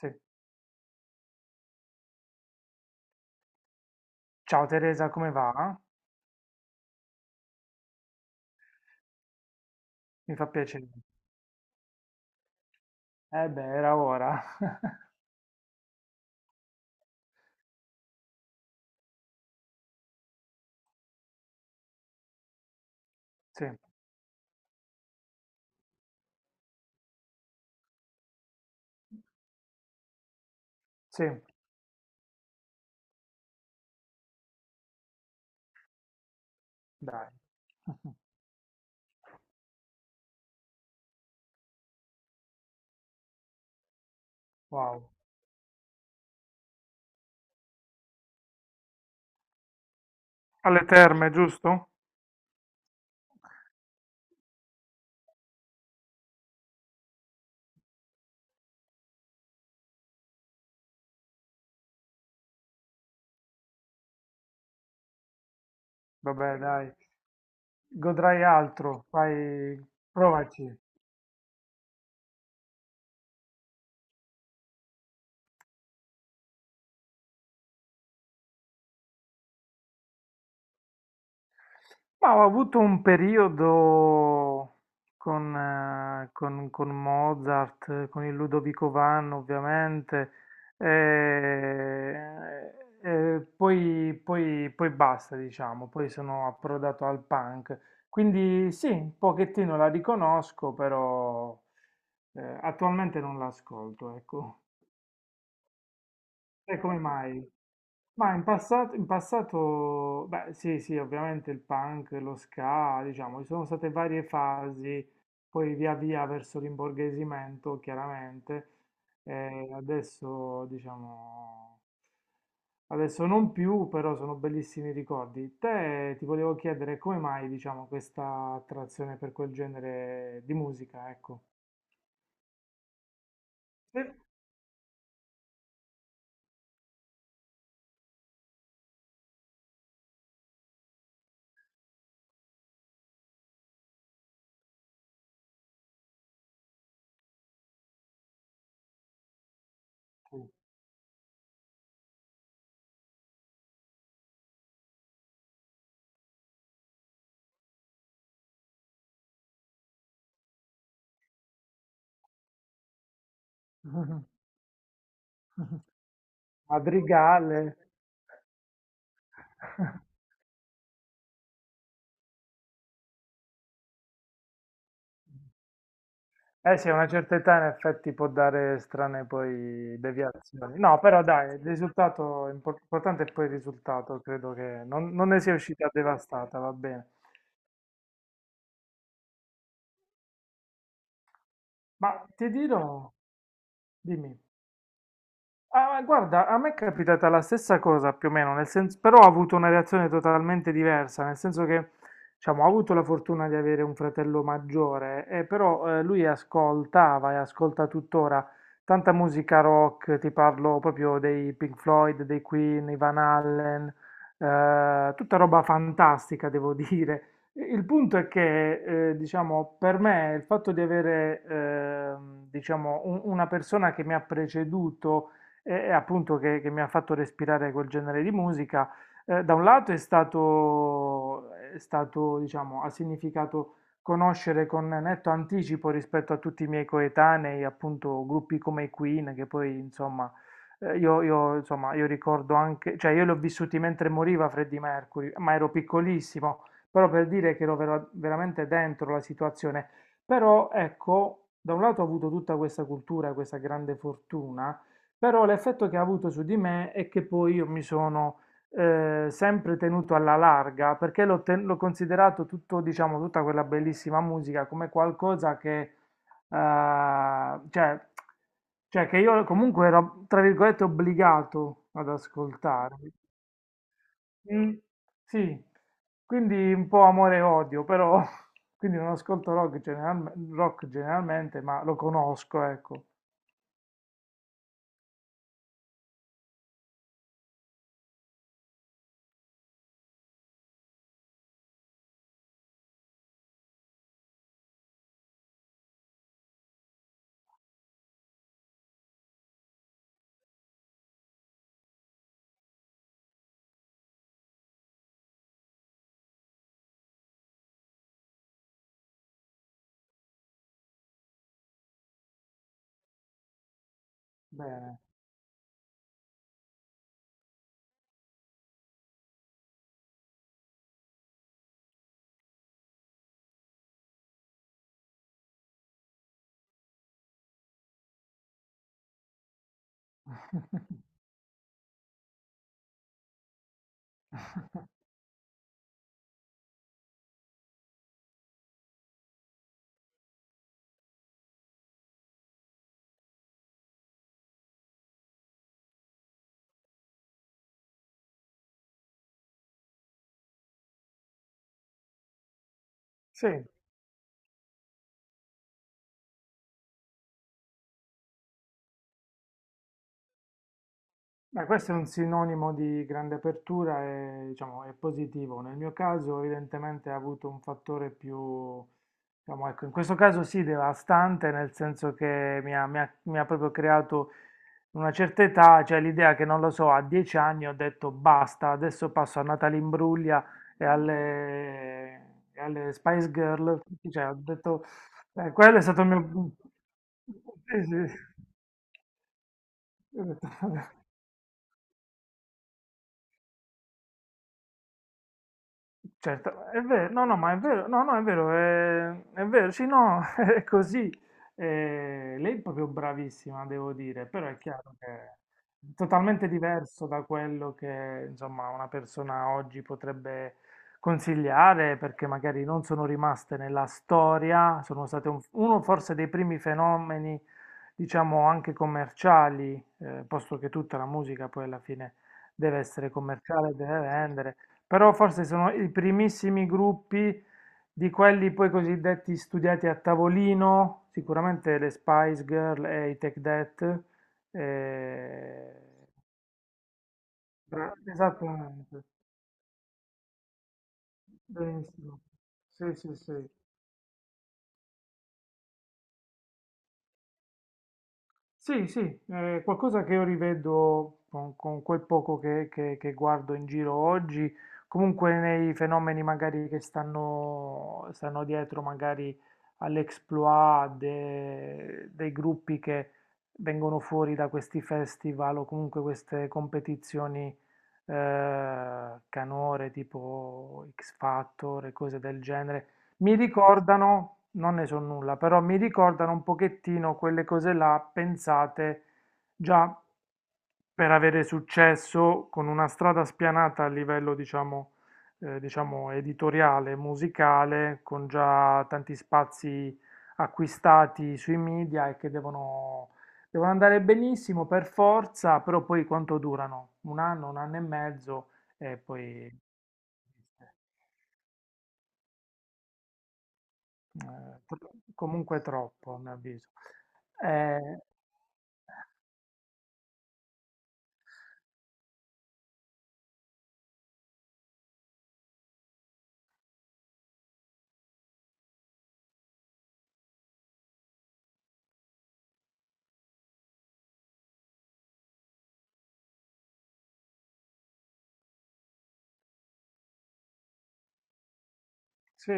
Sì. Ciao Teresa, come va? Mi fa piacere. Eh beh, era ora. Sì, sì, dai. Wow. Alle terme, giusto? Vabbè, dai. Godrai altro, fai, provaci. Ma ho avuto un periodo con Mozart, con il Ludovico Vanno ovviamente, eh, poi basta, diciamo, poi sono approdato al punk. Quindi sì, un pochettino la riconosco, però attualmente non l'ascolto, ecco. E come mai? Ma in passato, beh, sì, sì, ovviamente il punk, lo ska, diciamo, ci sono state varie fasi, poi via via verso l'imborghesimento, chiaramente, e adesso, diciamo, adesso non più, però sono bellissimi ricordi. Te ti volevo chiedere come mai, diciamo, questa attrazione per quel genere di musica, ecco. Eh, Madrigale. Eh sì, a una certa età in effetti può dare strane poi deviazioni. No, però dai, il risultato importante è poi il risultato, credo che non ne sia uscita devastata, va bene. Ma ti dirò, dimmi. Ah, guarda, a me è capitata la stessa cosa più o meno, nel senso, però ho avuto una reazione totalmente diversa, nel senso che, diciamo, ho avuto la fortuna di avere un fratello maggiore, però lui ascoltava e ascolta tuttora tanta musica rock, ti parlo proprio dei Pink Floyd, dei Queen, i Van Allen, tutta roba fantastica, devo dire. Il punto è che, diciamo, per me il fatto di avere, diciamo, una persona che mi ha preceduto, e appunto che mi ha fatto respirare quel genere di musica. Da un lato è stato, diciamo, ha significato conoscere con netto anticipo rispetto a tutti i miei coetanei, appunto, gruppi come i Queen, che poi, insomma, io, insomma, io ricordo anche, cioè io li ho vissuti mentre moriva Freddie Mercury, ma ero piccolissimo, però per dire che ero veramente dentro la situazione. Però, ecco, da un lato ho avuto tutta questa cultura, questa grande fortuna, però l'effetto che ha avuto su di me è che poi io mi sono sempre tenuto alla larga perché l'ho considerato tutto, diciamo, tutta quella bellissima musica come qualcosa che, eh, cioè, cioè che io comunque ero, tra virgolette, obbligato ad ascoltare. Mm, sì, quindi un po' amore e odio, però quindi non ascolto rock, generalmente, ma lo conosco, ecco. Bene. Sì. Beh, questo è un sinonimo di grande apertura e diciamo, è positivo. Nel mio caso, evidentemente, ha avuto un fattore più, diciamo, ecco, in questo caso sì, devastante, nel senso che mi ha proprio creato una certa età, cioè l'idea che, non lo so, a 10 anni ho detto basta, adesso passo a Natalimbruglia e alle, e alle Spice Girl. Cioè, ho detto, quello è stato il mio. Sì, sì. Ho detto. Certo, è vero, no, no, ma è vero, no, no, è vero, è vero, sì, no, è così. Lei è proprio bravissima, devo dire, però è chiaro che è totalmente diverso da quello che, insomma, una persona oggi potrebbe consigliare, perché magari non sono rimaste nella storia, sono state uno forse dei primi fenomeni, diciamo, anche commerciali, posto che tutta la musica poi alla fine deve essere commerciale, deve vendere. Però forse sono i primissimi gruppi di quelli poi cosiddetti studiati a tavolino, sicuramente le Spice Girl e i Take That. eh, esattamente, benissimo. Sì, sì, sì. Sì, sì, è qualcosa che io rivedo con quel poco che guardo in giro oggi, comunque nei fenomeni magari che stanno dietro magari all'exploit dei gruppi che vengono fuori da questi festival o comunque queste competizioni canore tipo X Factor e cose del genere. Mi ricordano, non ne so nulla, però mi ricordano un pochettino quelle cose là pensate già per avere successo con una strada spianata a livello, diciamo, diciamo editoriale, musicale, con già tanti spazi acquistati sui media e che devono, devono andare benissimo per forza, però poi quanto durano? Un anno e mezzo e poi. Comunque troppo, a mio avviso. Eh, sì,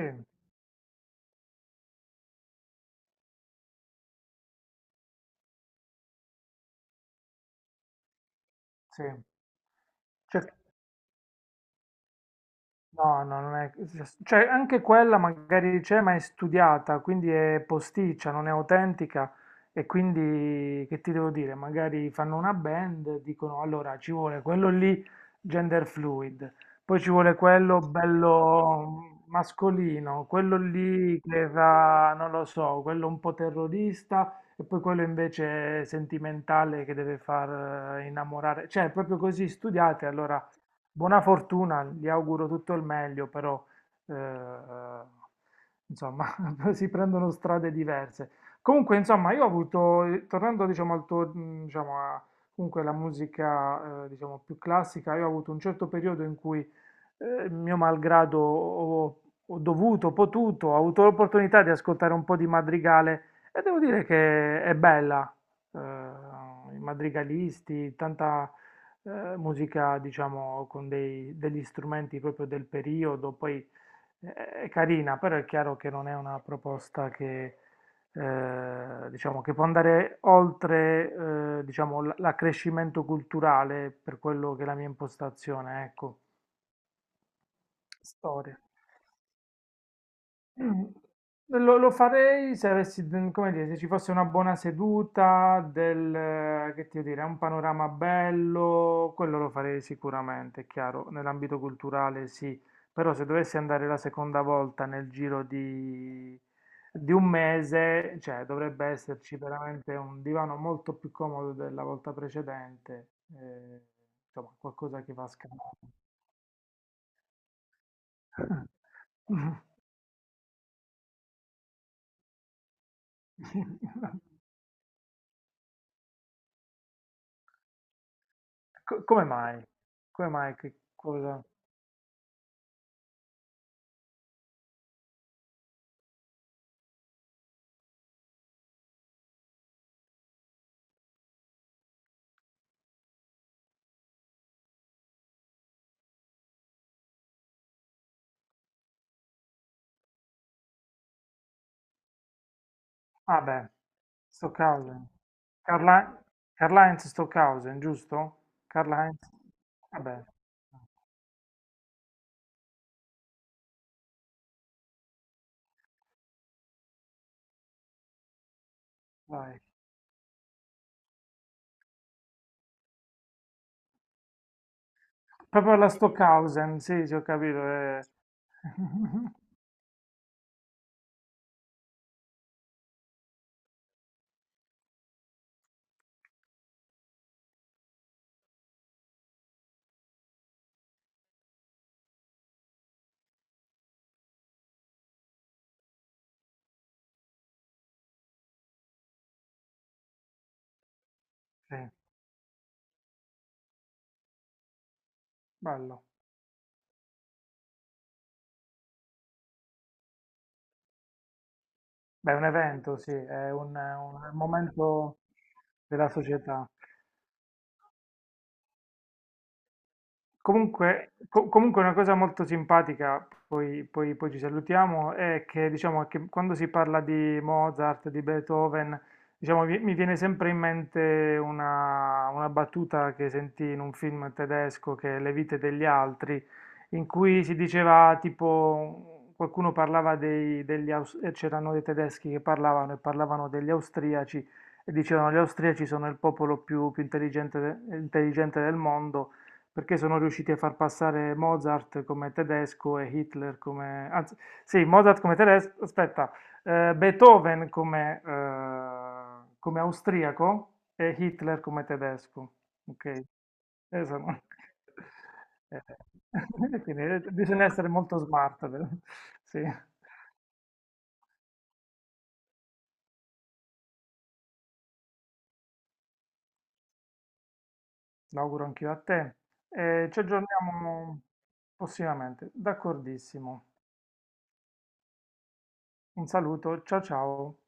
sì. Cioè, no, no, non è. Cioè, anche quella magari c'è, ma è studiata, quindi è posticcia, non è autentica. E quindi, che ti devo dire? Magari fanno una band, dicono, allora, ci vuole quello lì gender fluid, poi ci vuole quello bello mascolino, quello lì che fa, non lo so, quello un po' terrorista, e poi quello invece sentimentale che deve far innamorare. Cioè, è proprio così studiate, allora. Buona fortuna, gli auguro tutto il meglio, però eh, insomma, si prendono strade diverse. Comunque, insomma, io ho avuto, tornando diciamo, al tuo, diciamo, comunque alla musica diciamo, più classica, io ho avuto un certo periodo in cui mio malgrado ho dovuto, potuto, ho avuto l'opportunità di ascoltare un po' di madrigale e devo dire che è bella, i madrigalisti, tanta musica, diciamo, con degli strumenti proprio del periodo, poi eh, è carina, però è chiaro che non è una proposta che. Diciamo che può andare oltre, diciamo, l'accrescimento culturale per quello che è la mia impostazione, ecco. Storia. Mm. Lo farei se avessi, come dire, se ci fosse una buona seduta, del, che ti devo dire, un panorama bello, quello lo farei sicuramente, è chiaro, nell'ambito culturale sì, però se dovessi andare la seconda volta nel giro di, un mese, cioè dovrebbe esserci veramente un divano molto più comodo della volta precedente, eh, insomma, qualcosa che va a scambiare. Come mai? Come mai? Che cosa? Ah beh, Stockhausen. Carla- Karl-Heinz Stockhausen, giusto? Karl-Heinz? Vabbè, vai. Proprio la Stockhausen, sì, sì, ho capito. Sì, bello. Beh, è un evento, sì, è un momento della società. Comunque, comunque una cosa molto simpatica, poi, poi ci salutiamo, è che, diciamo, che quando si parla di Mozart, di Beethoven, diciamo, mi viene sempre in mente una battuta che sentì in un film tedesco che è Le vite degli altri, in cui si diceva tipo, qualcuno parlava c'erano dei tedeschi che parlavano e parlavano degli austriaci e dicevano gli austriaci sono il popolo più intelligente intelligente del mondo perché sono riusciti a far passare Mozart come tedesco e Hitler anzi, sì, Mozart come tedesco, aspetta, Beethoven come, come austriaco e Hitler come tedesco, ok? Eh, sono- eh, Quindi bisogna essere molto smart, sì, l'auguro anch'io a te. Ci aggiorniamo prossimamente, d'accordissimo. Un saluto, ciao ciao.